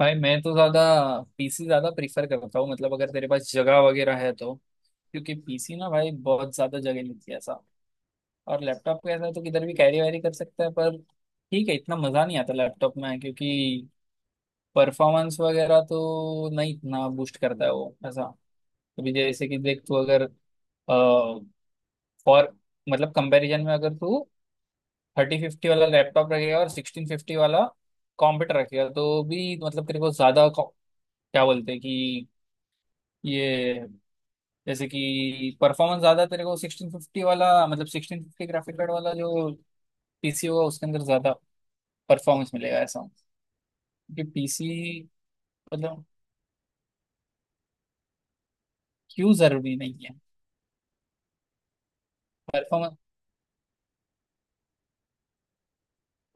भाई मैं तो ज्यादा पीसी ज्यादा प्रीफर करता हूँ। मतलब अगर तेरे पास जगह वगैरह है तो, क्योंकि पीसी ना भाई बहुत ज्यादा जगह लेती है ऐसा। और लैपटॉप का ऐसा है तो किधर भी कैरी वैरी कर सकता है, पर ठीक है इतना मजा नहीं आता लैपटॉप में, क्योंकि परफॉर्मेंस वगैरह तो नहीं इतना बूस्ट करता है वो ऐसा। अभी जैसे कि देख तू अगर फॉर मतलब कंपैरिजन में अगर तू 3050 वाला लैपटॉप रखेगा और 1650 वाला कंप्यूटर रखेगा तो भी मतलब तेरे को ज्यादा क्या बोलते हैं कि ये जैसे कि परफॉर्मेंस ज्यादा तेरे को 1650 वाला, मतलब 1650 ग्राफिक कार्ड वाला जो पीसी होगा उसके अंदर ज्यादा परफॉर्मेंस मिलेगा ऐसा। क्योंकि पीसी मतलब क्यों जरूरी नहीं है।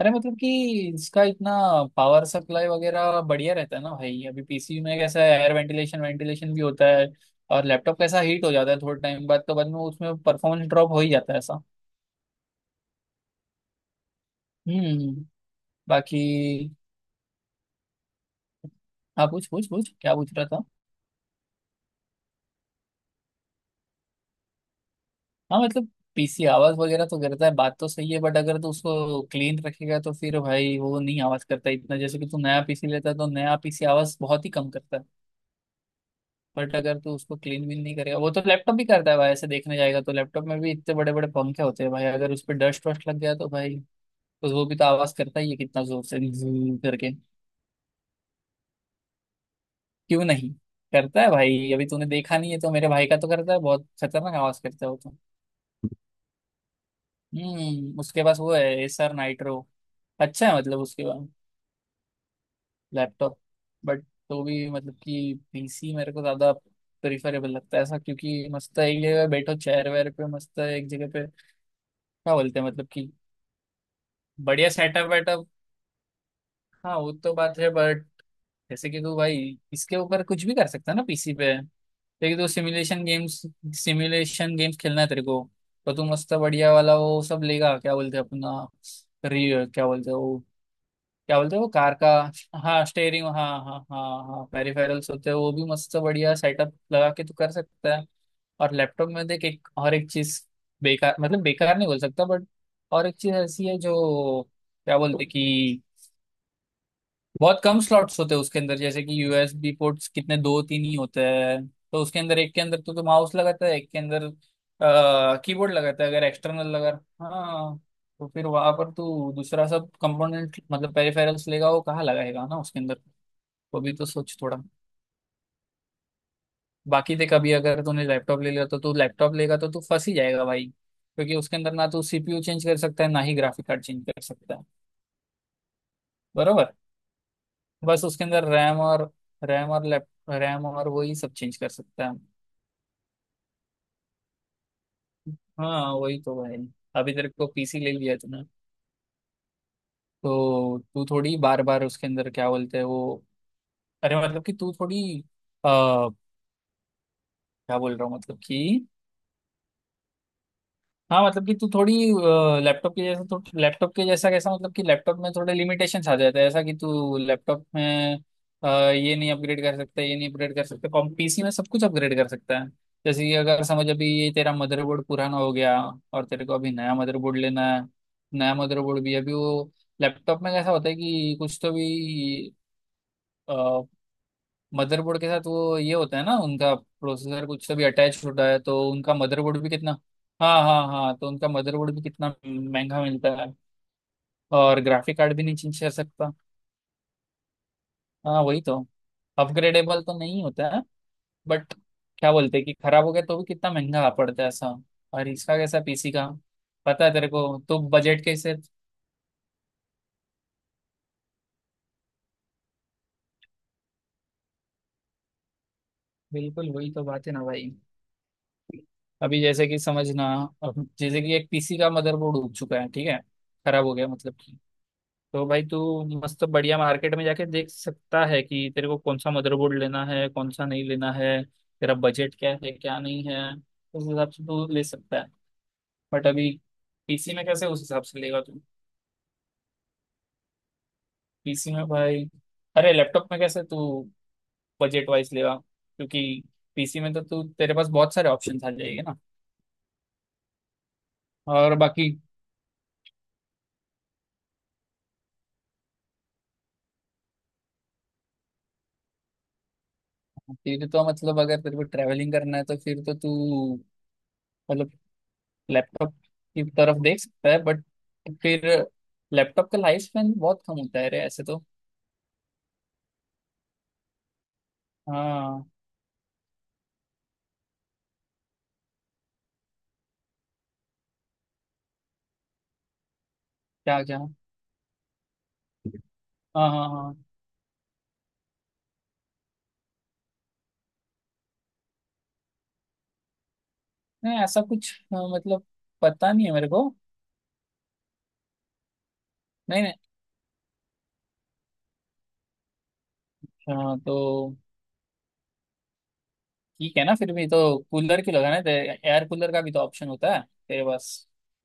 अरे मतलब कि इसका इतना पावर सप्लाई वगैरह बढ़िया रहता है ना भाई। अभी पीसी में कैसा है, एयर वेंटिलेशन वेंटिलेशन भी होता है। और लैपटॉप कैसा हीट हो जाता है थोड़े टाइम बाद, तो बाद में उसमें परफॉर्मेंस ड्रॉप हो ही जाता है ऐसा। हम्म। बाकी, हाँ पूछ पूछ पूछ, क्या पूछ रहा था। हाँ मतलब पीसी आवाज वगैरह तो करता है, बात तो सही है, बट अगर तो उसको क्लीन रखेगा तो फिर भाई वो नहीं आवाज करता इतना। जैसे कि तू नया पीसी लेता है तो नया पीसी आवाज बहुत ही कम करता है। बट अगर तू उसको क्लीन भी नहीं करेगा वो तो लैपटॉप भी करता है भाई। ऐसे देखने जाएगा तो लैपटॉप में भी इतने बड़े बड़े पंखे होते हैं भाई, अगर उस पर डस्ट वस्ट लग गया तो भाई तो वो भी तो आवाज करता ही है, कितना जोर से zzzz करके। क्यों नहीं करता है भाई। अभी तूने देखा नहीं है तो, मेरे भाई का तो करता है, बहुत खतरनाक आवाज करता है वो तो। हम्म। उसके पास वो है एसआर नाइट्रो। अच्छा है मतलब उसके पास लैपटॉप। बट तो भी मतलब कि पीसी मेरे को ज्यादा प्रिफरेबल लगता है ऐसा, क्योंकि मस्त है, एक जगह बैठो चेयर वेयर पे मस्त है, एक जगह पे क्या बोलते हैं मतलब कि बढ़िया सेटअप वेटअप। हाँ वो तो बात है बट जैसे कि तू भाई इसके ऊपर कुछ भी कर सकता है ना पीसी पे। लेकिन तू सिमुलेशन गेम्स खेलना है तेरे को तो तू मस्त बढ़िया वाला वो सब लेगा। क्या बोलते हैं अपना, री क्या बोलते हैं वो, क्या बोलते हैं वो कार का। हाँ स्टेयरिंग, हाँ हाँ हाँ हाँ, पेरिफेरल्स होते हैं वो भी। मस्त बढ़िया सेटअप लगा के तू कर सकता है। और लैपटॉप में देख, एक और एक चीज बेकार, मतलब बेकार नहीं बोल सकता बट और एक चीज ऐसी है जो क्या बोलते हैं कि बहुत कम स्लॉट्स होते हैं उसके अंदर। जैसे कि यूएसबी पोर्ट्स कितने, दो तीन ही होते हैं। तो उसके अंदर एक के अंदर तो माउस लगाता है, एक के अंदर कीबोर्ड लगाता है अगर एक्सटर्नल लगा। हाँ, तो फिर वहां पर तू दूसरा सब कंपोनेंट मतलब पेरिफेरल्स लेगा वो कहाँ लगाएगा ना उसके अंदर। वो भी तो सोच थोड़ा। बाकी देख, अभी अगर तूने लैपटॉप ले लिया, तो तू लैपटॉप लेगा तो तू फंस ही जाएगा भाई, क्योंकि उसके अंदर ना तू सीपीयू चेंज कर सकता है ना ही ग्राफिक कार्ड चेंज कर सकता है। बरोबर। बस उसके अंदर रैम और, रैम और लैप रैम और वही सब चेंज कर सकता है। हाँ वही तो भाई। अभी तेरे को पीसी ले लिया तूने तो तू थोड़ी बार बार उसके अंदर क्या बोलते हैं वो, अरे मतलब कि तू थोड़ी, आ, क्या बोल रहा हूँ मतलब कि, हाँ मतलब कि तू थोड़ी लैपटॉप के जैसा, कैसा मतलब कि लैपटॉप में थोड़े लिमिटेशंस आ जाते हैं ऐसा, कि तू लैपटॉप में अ, ये नहीं अपग्रेड कर सकता, ये नहीं अपग्रेड कर सकता, कॉम पीसी में सब कुछ अपग्रेड कर सकता है। जैसे कि अगर समझ, अभी ये तेरा मदरबोर्ड पुराना हो गया और तेरे को अभी नया मदरबोर्ड लेना है। नया मदरबोर्ड भी अभी वो लैपटॉप में कैसा होता है कि कुछ तो भी मदरबोर्ड के साथ वो ये होता है ना, उनका प्रोसेसर कुछ से भी अटैच होता है, तो उनका मदरबोर्ड भी कितना, हाँ हाँ हाँ, तो उनका मदरबोर्ड भी कितना महंगा मिलता है। और ग्राफिक कार्ड भी नहीं चेंज कर सकता। हाँ वही तो। अपग्रेडेबल तो नहीं होता है बट क्या बोलते हैं कि खराब हो गया तो भी कितना महंगा पड़ता है ऐसा। और इसका कैसा पीसी का पता है तेरे को, तो बजट कैसे। बिल्कुल वही तो बात है ना भाई। अभी जैसे कि समझना, अब जैसे कि एक पीसी का मदरबोर्ड उग चुका है ठीक है, खराब हो गया मतलब, तो भाई तू मस्त बढ़िया मार्केट में जाके देख सकता है कि तेरे को कौन सा मदरबोर्ड लेना है, कौन सा नहीं लेना है, तेरा बजट क्या है क्या नहीं है, उस हिसाब से तू ले सकता है। बट अभी पीसी में कैसे उस हिसाब से लेगा तू, पीसी में भाई, अरे लैपटॉप में कैसे तू बजट वाइज लेगा, क्योंकि पीसी में तो तू तेरे पास बहुत सारे ऑप्शन आ जाएंगे ना। और बाकी, फिर तो मतलब अगर तेरे को ट्रैवलिंग करना है तो फिर तो तू मतलब लैपटॉप की तरफ देख सकता है। बट फिर लैपटॉप का लाइफ स्पेन बहुत कम होता है रे ऐसे तो। हाँ क्या क्या, हाँ हाँ हाँ, नहीं ऐसा कुछ, हाँ, मतलब पता नहीं है मेरे को। नहीं नहीं। हाँ तो ठीक है ना, फिर भी तो कूलर क्यों लगाना है, एयर कूलर का भी तो ऑप्शन होता है तेरे पास।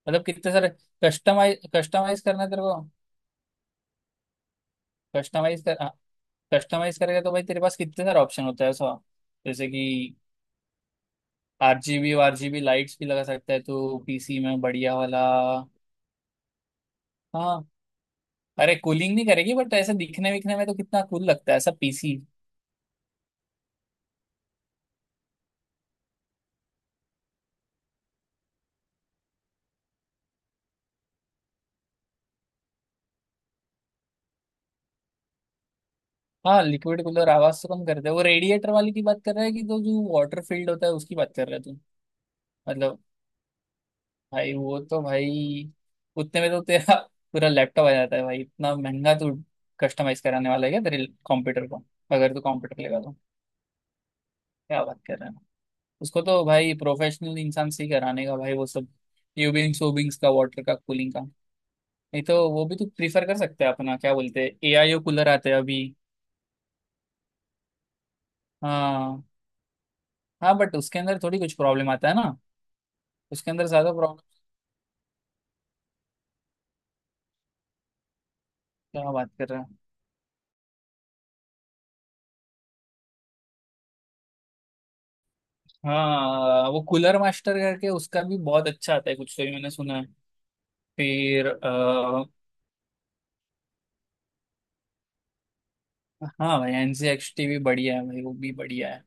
मतलब कितने सारे, कस्टमाइज कस्टमाइज करना है तेरे को। कस्टमाइज कर, कस्टमाइज करेगा तो भाई तेरे पास कितने सारे ऑप्शन होता है सो। जैसे कि आरजीबी, आरजीबी लाइट्स भी लगा सकता है तो पीसी में बढ़िया वाला। हाँ। अरे कूलिंग नहीं करेगी बट ऐसे दिखने विखने में तो कितना कूल लगता है ऐसा पीसी। हाँ लिक्विड कूलर आवाज तो कम करता है, वो रेडिएटर वाली की बात कर रहा है कि, तो जो वाटर फील्ड होता है उसकी बात कर रहा है तू। मतलब भाई वो तो भाई उतने में तो तेरा पूरा लैपटॉप आ जाता है भाई। इतना महंगा तू कस्टमाइज कराने वाला है क्या तेरे कंप्यूटर को, अगर तू कंप्यूटर लेगा तो। क्या बात कर रहा है। उसको तो भाई प्रोफेशनल इंसान से ही कराने का भाई वो सब यूबिंग्स वूबिंग्स का वाटर का कूलिंग का। नहीं तो वो भी तो प्रीफर कर सकते हैं अपना क्या बोलते हैं एआईओ कूलर आते हैं अभी। हाँ हाँ, बट उसके अंदर थोड़ी कुछ प्रॉब्लम आता है ना, उसके अंदर ज्यादा प्रॉब्लम। क्या बात कर रहे हैं। हाँ वो कूलर मास्टर करके उसका भी बहुत अच्छा आता है कुछ तो भी मैंने सुना है। फिर हाँ भाई एनसीएक्सटी भी बढ़िया है भाई, वो भी बढ़िया है।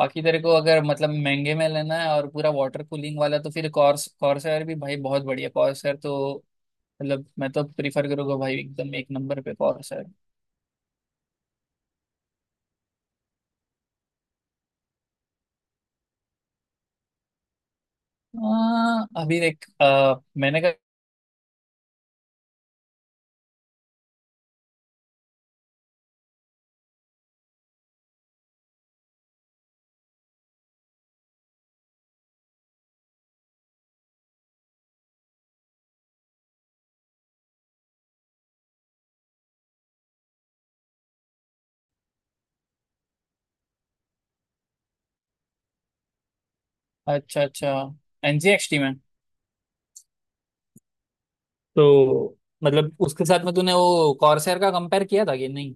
बाकी तेरे को अगर मतलब महंगे में लेना है और पूरा वाटर कूलिंग वाला तो फिर कॉर्सर भी भाई बहुत बढ़िया, कॉर्सर तो मतलब मैं तो प्रीफर करूंगा भाई, एकदम एक नंबर पे कॉर्सर। अभी देख, मैंने कहा। अच्छा अच्छा, एनजीएक्सटी में तो मतलब उसके साथ में तूने वो कॉर्सर का कंपेयर किया था कि नहीं,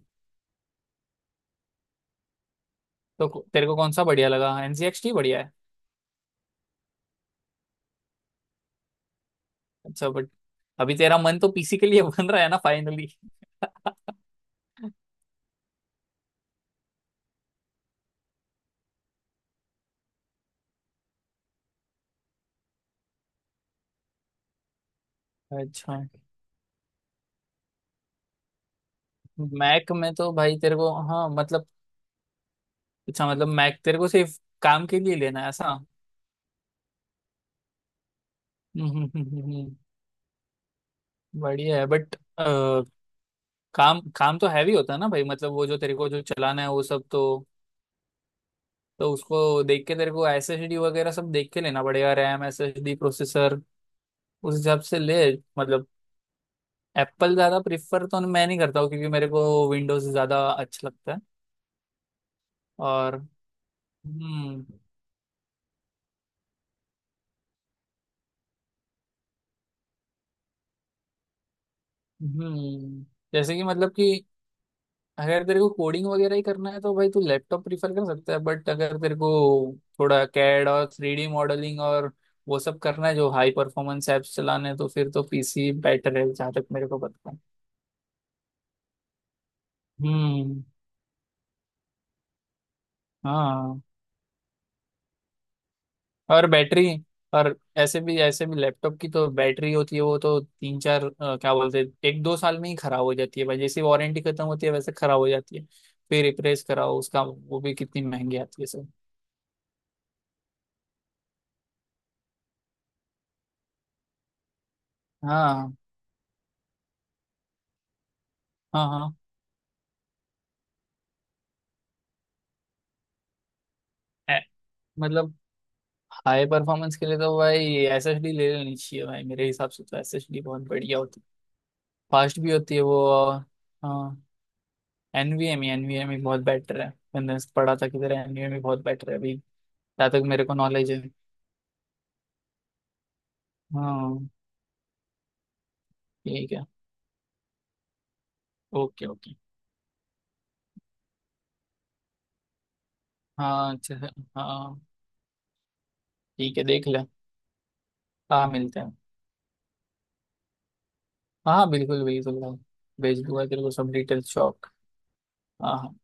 तो तेरे को कौन सा बढ़िया लगा, एनजीएक्सटी बढ़िया है। अच्छा बट अभी तेरा मन तो पीसी के लिए बन रहा है ना फाइनली। अच्छा, मैक में तो भाई तेरे को, हाँ मतलब, अच्छा मतलब मैक तेरे को सिर्फ काम के लिए लेना है ऐसा। हम्म। बढ़िया है बट काम, काम तो हैवी होता है ना भाई, मतलब वो जो तेरे को जो चलाना है वो सब तो उसको देख के तेरे को एसएसडी वगैरह सब देख के लेना पड़ेगा, रैम एसएसडी प्रोसेसर, उस हिसाब से ले। मतलब एप्पल ज्यादा प्रिफर तो मैं नहीं करता हूँ क्योंकि मेरे को विंडोज ज्यादा अच्छा लगता है। और हम्म, हम्म, जैसे कि मतलब कि अगर तेरे को कोडिंग वगैरह ही करना है तो भाई तू लैपटॉप प्रीफर कर सकता है। बट अगर तेरे को थोड़ा कैड और थ्री डी मॉडलिंग और वो सब करना है जो हाई परफॉर्मेंस एप्स चलाने हैं तो फिर तो पीसी बेटर है जहाँ तक मेरे को पता है। हम्म। हाँ। और बैटरी, और ऐसे भी लैपटॉप की तो बैटरी होती है, वो तो तीन चार क्या बोलते हैं एक दो साल में ही खराब हो जाती है भाई। जैसे वारंटी खत्म होती है वैसे खराब हो जाती है। फिर रिप्लेस कराओ उसका वो भी कितनी महंगी आती है सर। हाँ हाँ हाँ। ए- मतलब हाई परफॉर्मेंस के लिए तो भाई एसएसडी ले लेनी चाहिए भाई, मेरे हिसाब से तो एसएसडी बहुत बढ़िया होती है, फास्ट भी होती है वो और, हाँ, एनवीएम ही बहुत बेटर है। मैंने पढ़ा था किधर एनवीएम ही बहुत बेटर है, अभी जहाँ तक मेरे को नॉलेज है। हाँ। ठीक है। Okay okay. हाँ अच्छा है। हाँ ठीक है देख ले। हाँ मिलते हैं। हाँ हाँ, बिल्कुल बिल्कुल भाई। भेज दूंगा तेरे को सब डिटेल्स शॉप। हाँ हाँ।